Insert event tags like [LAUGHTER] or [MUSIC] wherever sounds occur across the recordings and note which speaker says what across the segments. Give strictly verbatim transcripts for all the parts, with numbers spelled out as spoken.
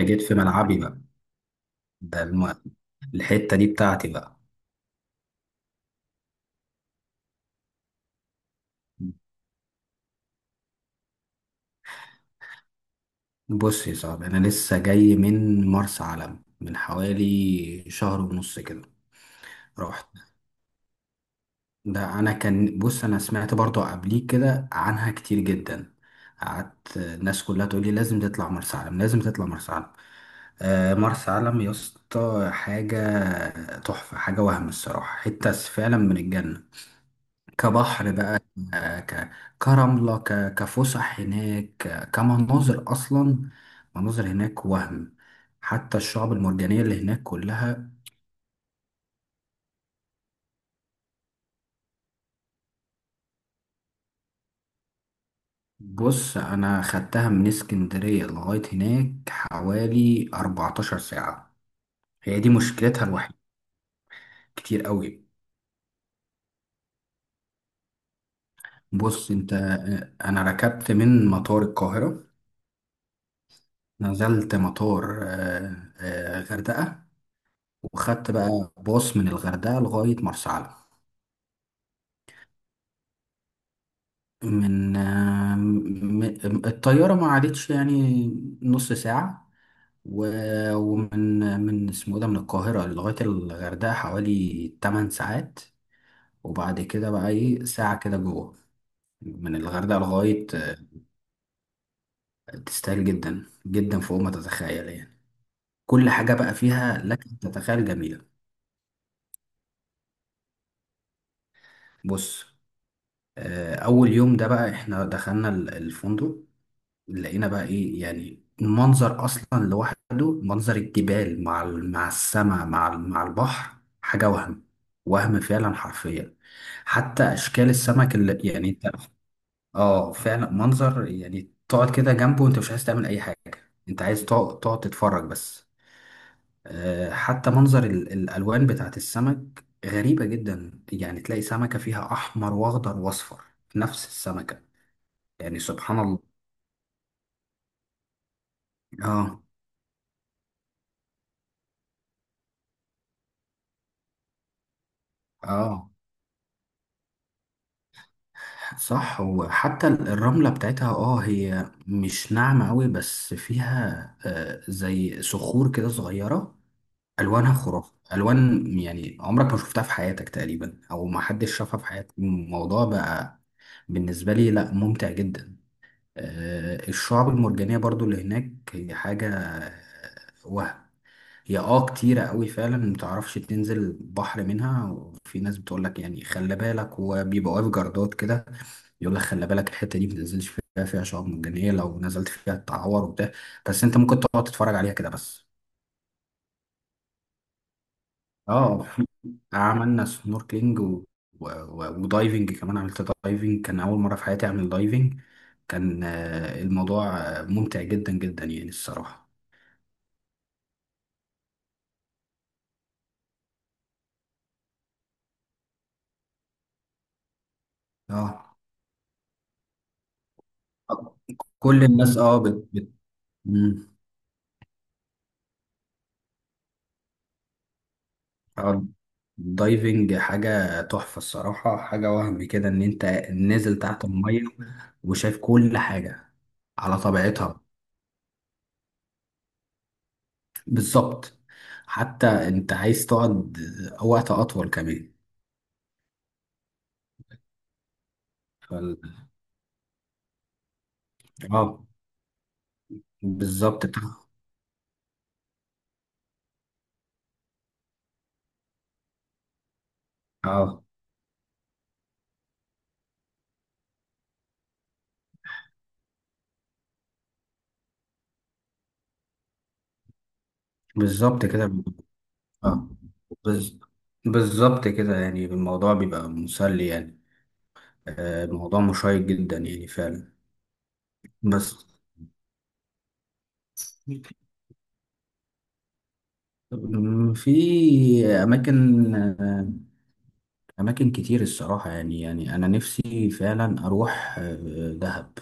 Speaker 1: جيت في ملعبي بقى. ده الم... الحتة دي بتاعتي بقى. بص يا صاحبي، أنا لسه جاي من مرسى علم من حوالي شهر ونص كده. رحت ده أنا كان بص أنا سمعت برضو قبليك كده عنها كتير جدا. قعدت الناس كلها تقول لي لازم تطلع مرسى علم، لازم تطلع مرسى علم آه، مرسى علم يا اسطى حاجة تحفة، حاجة وهم الصراحة، حتة فعلا من الجنة. كبحر بقى، ك- كرملة، ك- كفسح هناك، ك- كمناظر أصلا. مناظر هناك وهم. حتى الشعب المرجانية اللي هناك كلها. بص، أنا خدتها من اسكندرية لغاية هناك حوالي 14 ساعة. هي دي مشكلتها الوحيدة. كتير قوي. بص أنت أنا ركبت من مطار القاهرة، نزلت مطار آه، آه، غردقة، وخدت بقى باص من الغردقة لغاية مرسى علم. من آه، م- م- الطيارة ما عادتش يعني نص ساعة. و- ومن من اسمه إيه ده، من القاهرة لغاية الغردقة حوالي 8 ساعات، وبعد كده بقى ايه ساعة كده جوه من الغردقة لغاية. آه، تستاهل جدا جدا، فوق ما تتخيل يعني. كل حاجة بقى فيها لك أن تتخيل جميلة. بص، آه، أول يوم ده بقى احنا دخلنا ال- الفندق، لقينا بقى ايه يعني المنظر اصلا لوحده، منظر الجبال مع ال- مع السماء مع ال- مع البحر، حاجه وهم وهم فعلا حرفيا. حتى اشكال السمك اللي يعني انت، اه فعلا منظر، يعني تقعد كده جنبه وانت مش عايز تعمل اي حاجه، انت عايز تقعد تقعد تتفرج بس. آه، حتى منظر ال- الالوان بتاعت السمك غريبه جدا، يعني تلاقي سمكه فيها احمر واخضر واصفر في نفس السمكه. يعني سبحان الله. اه. اه صح. وحتى ال- الرملة بتاعتها اه هي مش ناعمة قوي بس فيها آه، زي صخور كده صغيرة. ألوانها خرافة ألوان، يعني عمرك ما شفتها في حياتك تقريبا، أو ما حدش شافها في حياتك. الموضوع بقى بالنسبة لي لا، ممتع جدا. آه، الشعاب المرجانية برضو اللي هناك هي حاجة آه، وهم. هي اه كتيرة قوي فعلا، متعرفش تنزل البحر منها، وفي ناس بتقولك يعني خلي بالك، وبيبقى واقف جردات كده، يقولك خلي بالك الحتة دي متنزلش فيها، فيها شعاب مرجانية، لو نزلت فيها تتعور وبتاع، بس انت ممكن تقعد تتفرج عليها كده بس. اه في- عملنا سنوركلينج و... و... و... ودايفنج كمان. عملت دايفنج، كان أول مرة في حياتي أعمل دايفنج. كان آه، الموضوع آه، ممتع جدا جدا يعني الصراحة. اه كل الناس اه بت... بت... مم. آه، الدايفنج حاجة تحفة الصراحة، حاجة وهم كده، إن أنت نازل تحت المية وشايف كل حاجة على طبيعتها. بالظبط. حتى أنت عايز تقعد وقت أطول كمان. فال... آه بالظبط بتاع. آه بالظبط كده. آه بز... بالظبط كده، يعني الموضوع بيبقى مسلي يعني. آه الموضوع مشيق جدا يعني فعلا. بس أمم، في أماكن آه، أماكن كتير الصراحة، يعني يعني أنا نفسي فعلا أروح آه، دهب.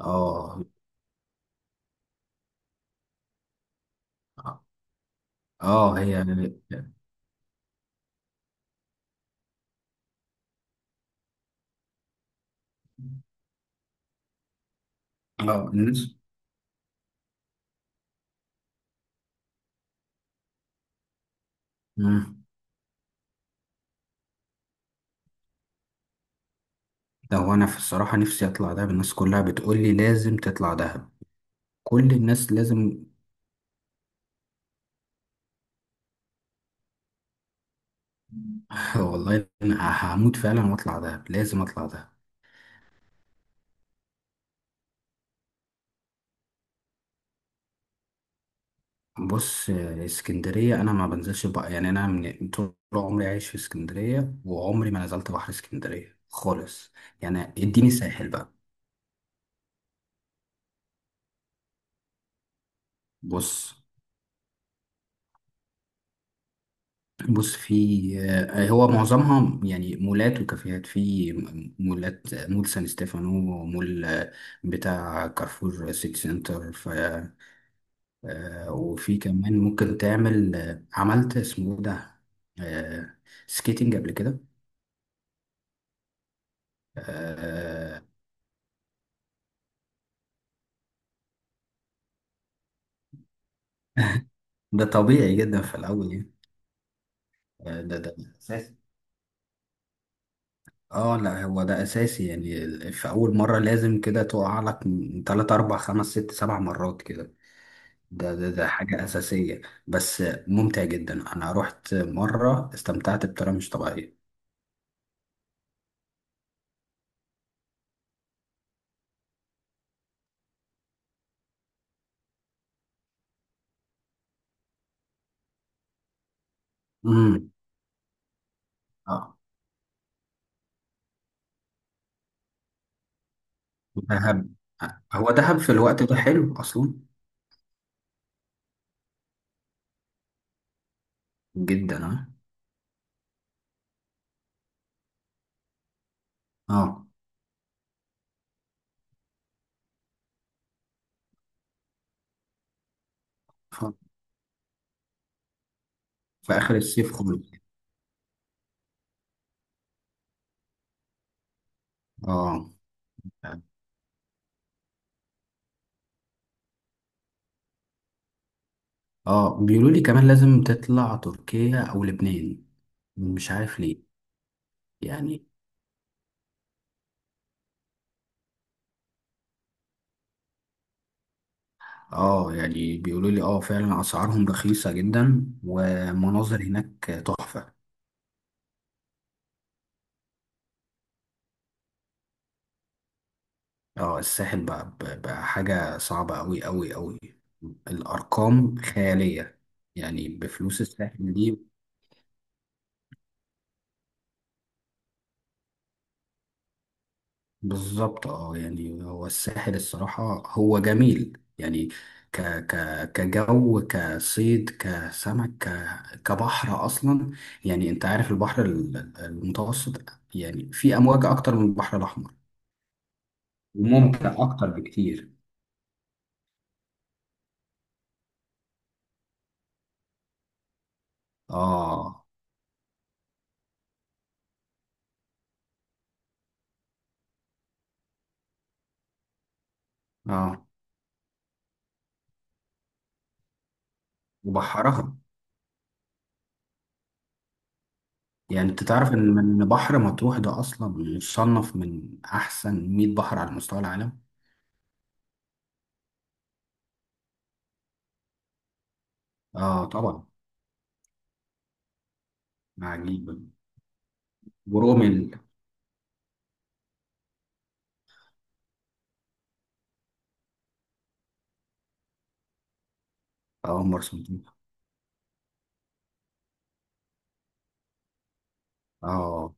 Speaker 1: آه. آه هي. آه الناس. أمم، ده هو أنا في الصراحة نفسي أطلع دهب، الناس كلها بتقول لي لازم تطلع دهب، كل الناس لازم. [LAUGHS] والله أنا هموت فعلا وأطلع دهب، لازم أطلع دهب. بص، اسكندرية أنا ما بنزلش بقى يعني، أنا من طول عمري عايش في اسكندرية وعمري ما نزلت بحر اسكندرية خالص، يعني اديني ساحل بقى. بص بص في آه، هو معظمها يعني مولات وكافيهات، في مولات، مول سان ستيفانو، ومول آه، بتاع كارفور سيتي سنتر، ف آه، وفي كمان ممكن تعمل آه، عملت اسمه إيه ده، آه، سكيتنج قبل كده. آه، ده طبيعي جدا في الأول يعني. آه، ده ده اساسي. اه لا هو ده اساسي يعني، ال- في اول مره لازم كده تقع لك من تلات اربع خمس ست سبع مرات كده. ده ده ده حاجه اساسيه، بس ممتع جدا. انا رحت مره استمتعت بطريقه مش طبيعيه. امم. اه دهب. هو دهب في الوقت ده حلو اصلا. جدا اه. اه. ف- في اخر الصيف خالص. اه. اه بيقولوا لي كمان لازم تطلع تركيا او لبنان، مش عارف ليه. يعني اه، يعني بيقولوا لي اه فعلا اسعارهم رخيصة جدا ومناظر هناك تحفة. اه الساحل بقى, بقى بقى حاجة صعبة اوي اوي اوي، الارقام خيالية يعني، بفلوس الساحل دي. بالظبط اه، يعني هو الساحل الصراحة هو جميل يعني، ك ك كجو، كصيد، كسمك، ك كبحر اصلا. يعني انت عارف البحر ال- المتوسط، يعني في امواج اكتر من البحر الاحمر وممتع اكتر بكتير. اه. اه وبحرها. يعني انت تعرف ان إن بحر مطروح ده اصلا مصنف من احسن 100 بحر على مستوى العالم. اه طبعا. عجيب. ورومل. اه مرسى مطروح. اه.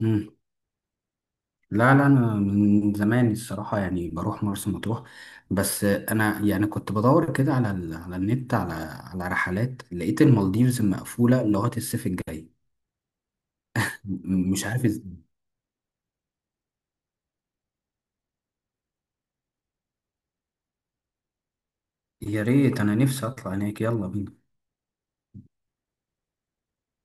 Speaker 1: مم. لا لا انا من زمان الصراحه يعني بروح مرسى مطروح، بس انا يعني كنت بدور كده على ال... على النت، على على رحلات، لقيت المالديفز مقفوله لغايه الصيف الجاي. م- مش عارف. يا ريت، انا نفسي اطلع هناك، يلا بينا.